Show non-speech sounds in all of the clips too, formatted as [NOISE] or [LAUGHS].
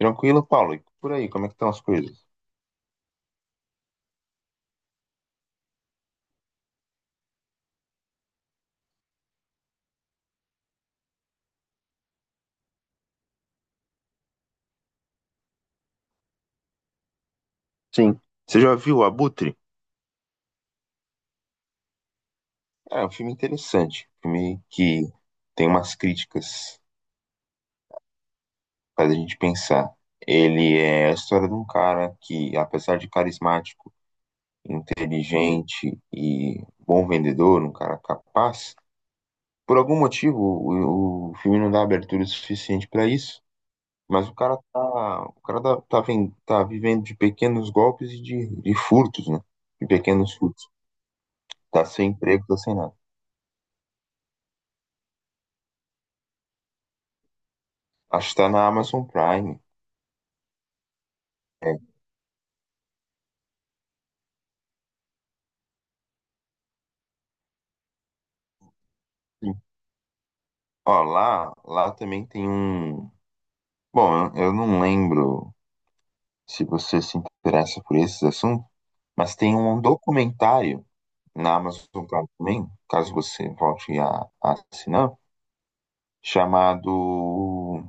Tranquilo, Paulo? E por aí, como é que estão as coisas? Sim. Você já viu o Abutre? É um filme interessante, um filme que tem umas críticas, faz a gente pensar. Ele é a história de um cara que, apesar de carismático, inteligente e bom vendedor, um cara capaz, por algum motivo o filme não dá abertura suficiente para isso, mas o cara tá, tá, ven- tá vivendo de pequenos golpes e de furtos, né? De pequenos furtos. Tá sem emprego, tá sem nada. Acho que tá na Amazon Prime. É. Sim. Ó, lá também tem um. Bom, eu não lembro se você se interessa por esses assuntos, mas tem um documentário na Amazon Prime também, caso você volte a assinar, chamado.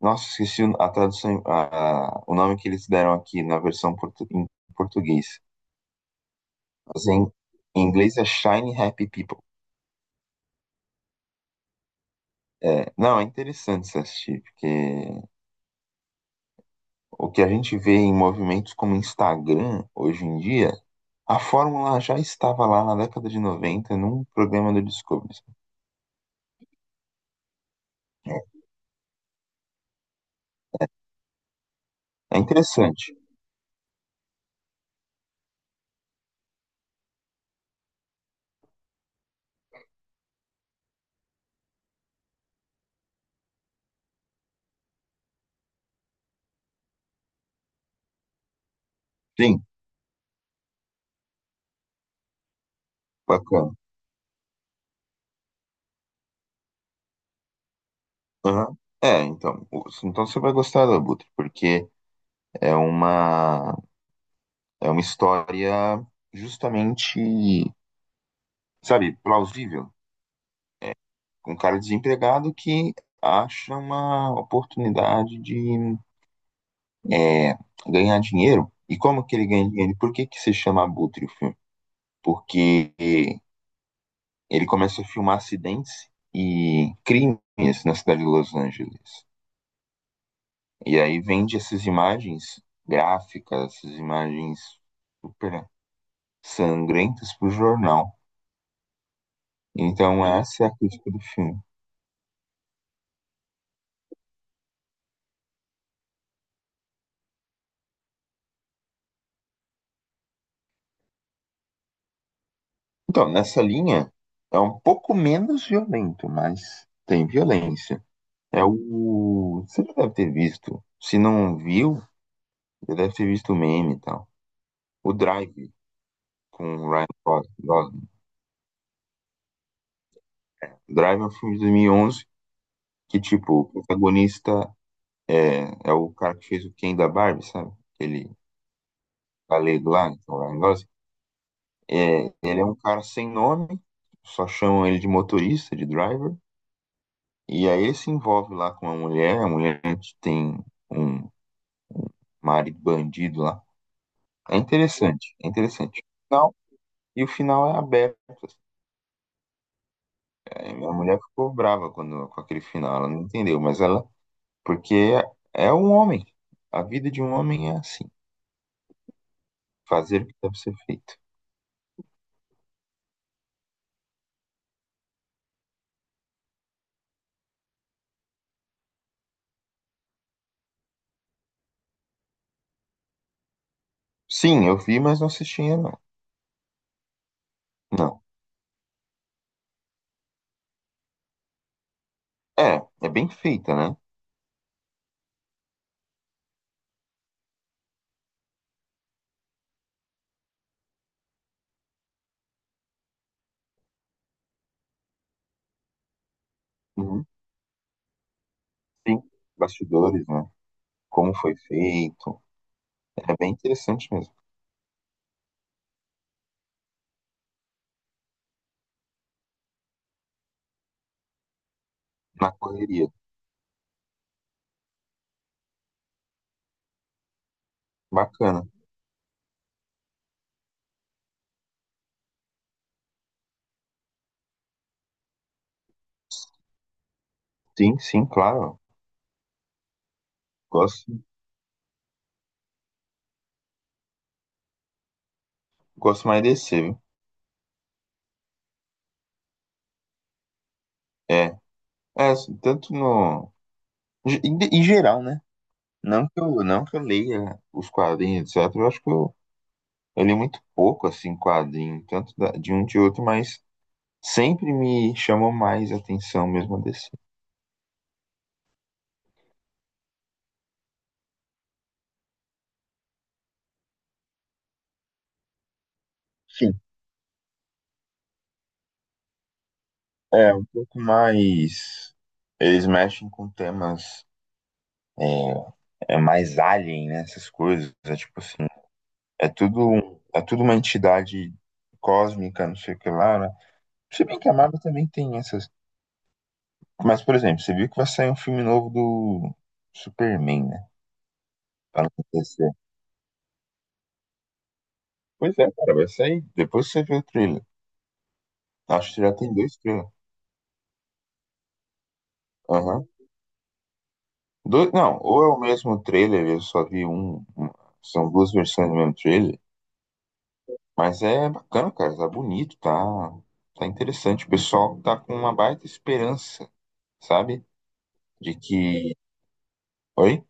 Nossa, esqueci a tradução, o nome que eles deram aqui na versão em português. Mas em inglês é Shiny Happy People. É, não, é interessante você assistir, porque o que a gente vê em movimentos como Instagram hoje em dia, a fórmula já estava lá na década de 90 num programa do Discovery. É interessante. Sim, bacana. Aham. É, então, então você vai gostar do Abutre, porque é uma é uma história justamente, sabe, plausível, com um cara desempregado que acha uma oportunidade de é, ganhar dinheiro. E como que ele ganha dinheiro? Por que que se chama Abutre o filme? Porque ele começa a filmar acidentes e crimes na cidade de Los Angeles. E aí vende essas imagens gráficas, essas imagens super sangrentas para o jornal. Então essa é a crítica do filme. Então, nessa linha, é um pouco menos violento, mas tem violência. É o. Você já deve ter visto. Se não viu, já deve ter visto o meme e tal. O Drive com o Ryan. Drive é um filme de 2011 que, tipo, o protagonista é o cara que fez o Ken da Barbie, sabe? Aquele galego lá, então, Ryan Gosling. É, ele é um cara sem nome, só chamam ele de motorista, de driver. E aí ele se envolve lá com uma mulher, a mulher tem um marido bandido lá. É interessante. Final, e o final é aberto assim. É, minha mulher ficou brava quando, com aquele final, ela não entendeu, mas ela, porque é um homem. A vida de um homem é assim. Fazer o que deve ser feito. Sim, eu vi, mas não assisti ainda não. Não. É, é bem feita, né? Uhum. Sim. Bastidores, né? Como foi feito. É bem interessante mesmo. Na correria. Bacana. Sim, sim, claro. Gosto, gosto mais de DC, viu? É. É, assim, tanto no. Em, em geral, né? Não que eu leia os quadrinhos, etc. Eu acho que eu li muito pouco, assim, quadrinho, tanto de um de outro, mas sempre me chamou mais atenção mesmo a DC. Sim. É, um pouco mais. Eles mexem com temas é, é mais alien, né? Essas coisas. É tipo assim. É tudo, é tudo uma entidade cósmica, não sei o que lá, né? Se bem que a Marvel também tem essas. Mas, por exemplo, você viu que vai sair um filme novo do Superman, né? Pra não acontecer. Pois é, cara, vai sair. Depois você vê o trailer. Acho que já tem dois trailers. Aham. Dois, não, ou é o mesmo trailer, eu só vi são duas versões do mesmo trailer. Mas é bacana, cara, tá bonito, tá, tá interessante. O pessoal tá com uma baita esperança, sabe? De que. Oi?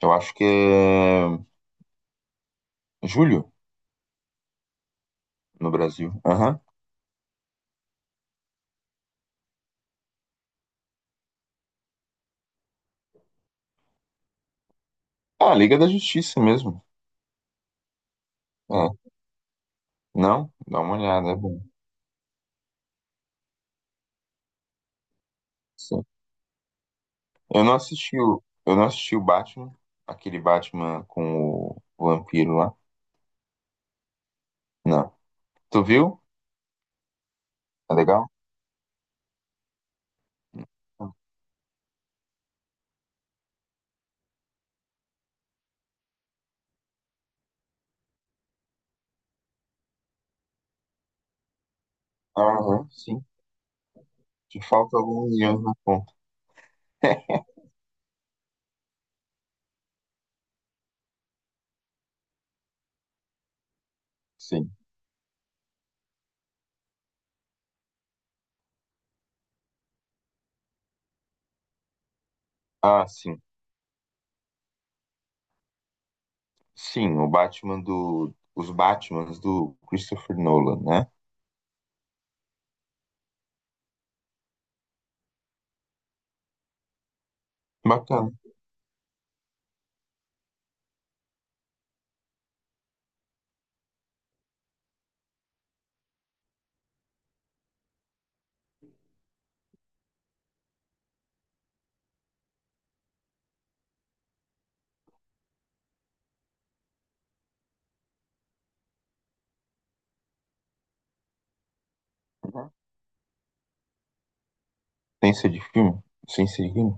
Eu acho que é julho no Brasil. Aham. Ah, Liga da Justiça mesmo. É. Não? Dá uma olhada, é bom. Sim. Eu não assisti o Batman, aquele Batman com o vampiro lá. Não. Tu viu? É legal? Aham, sim. Te falta alguns milhões na conta. [LAUGHS] Sim. Ah, sim. Sim, o Batman do. Os Batmans do Christopher Nolan, né? Bacana. Ciência de filme? Ciência de filme?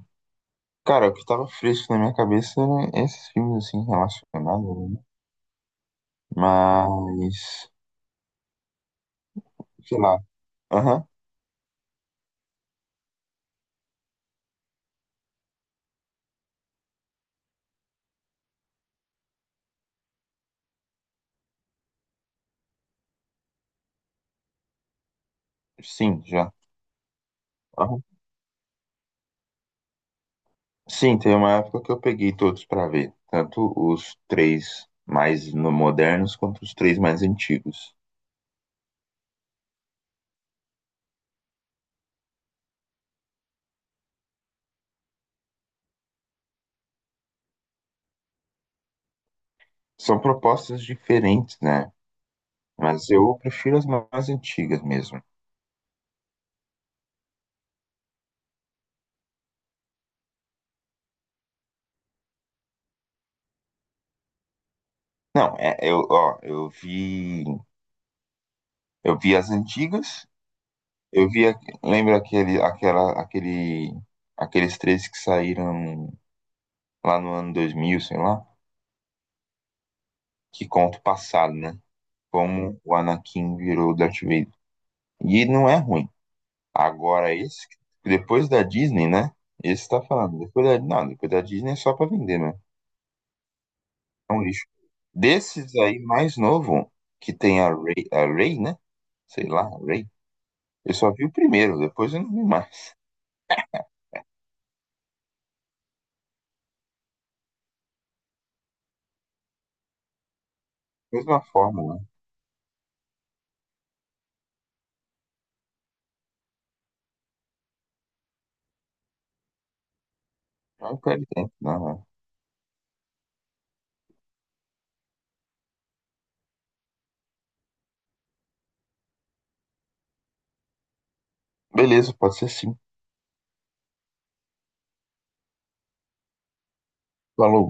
Cara, o que tava fresco na minha cabeça eram esses filmes, assim, relacionados, né? Mas. Sei lá. Aham. Sim, já. Aham. Sim, tem uma época que eu peguei todos pra ver. Tanto os três mais modernos quanto os três mais antigos. São propostas diferentes, né? Mas eu prefiro as mais antigas mesmo. Não, é, eu vi as antigas, eu vi, lembra aqueles três que saíram lá no ano 2000, sei lá, que conta o passado, né? Como o Anakin virou Darth Vader. E não é ruim. Agora esse, depois da Disney, né? Esse tá falando, depois da, não, depois da Disney é só pra vender, né? É um lixo. Desses aí mais novo, que tem a Rey, né? Sei lá, Rey. Eu só vi o primeiro, depois eu não vi mais. Mesma fórmula, né? Não quero tempo, não. Beleza, pode ser sim. Falou.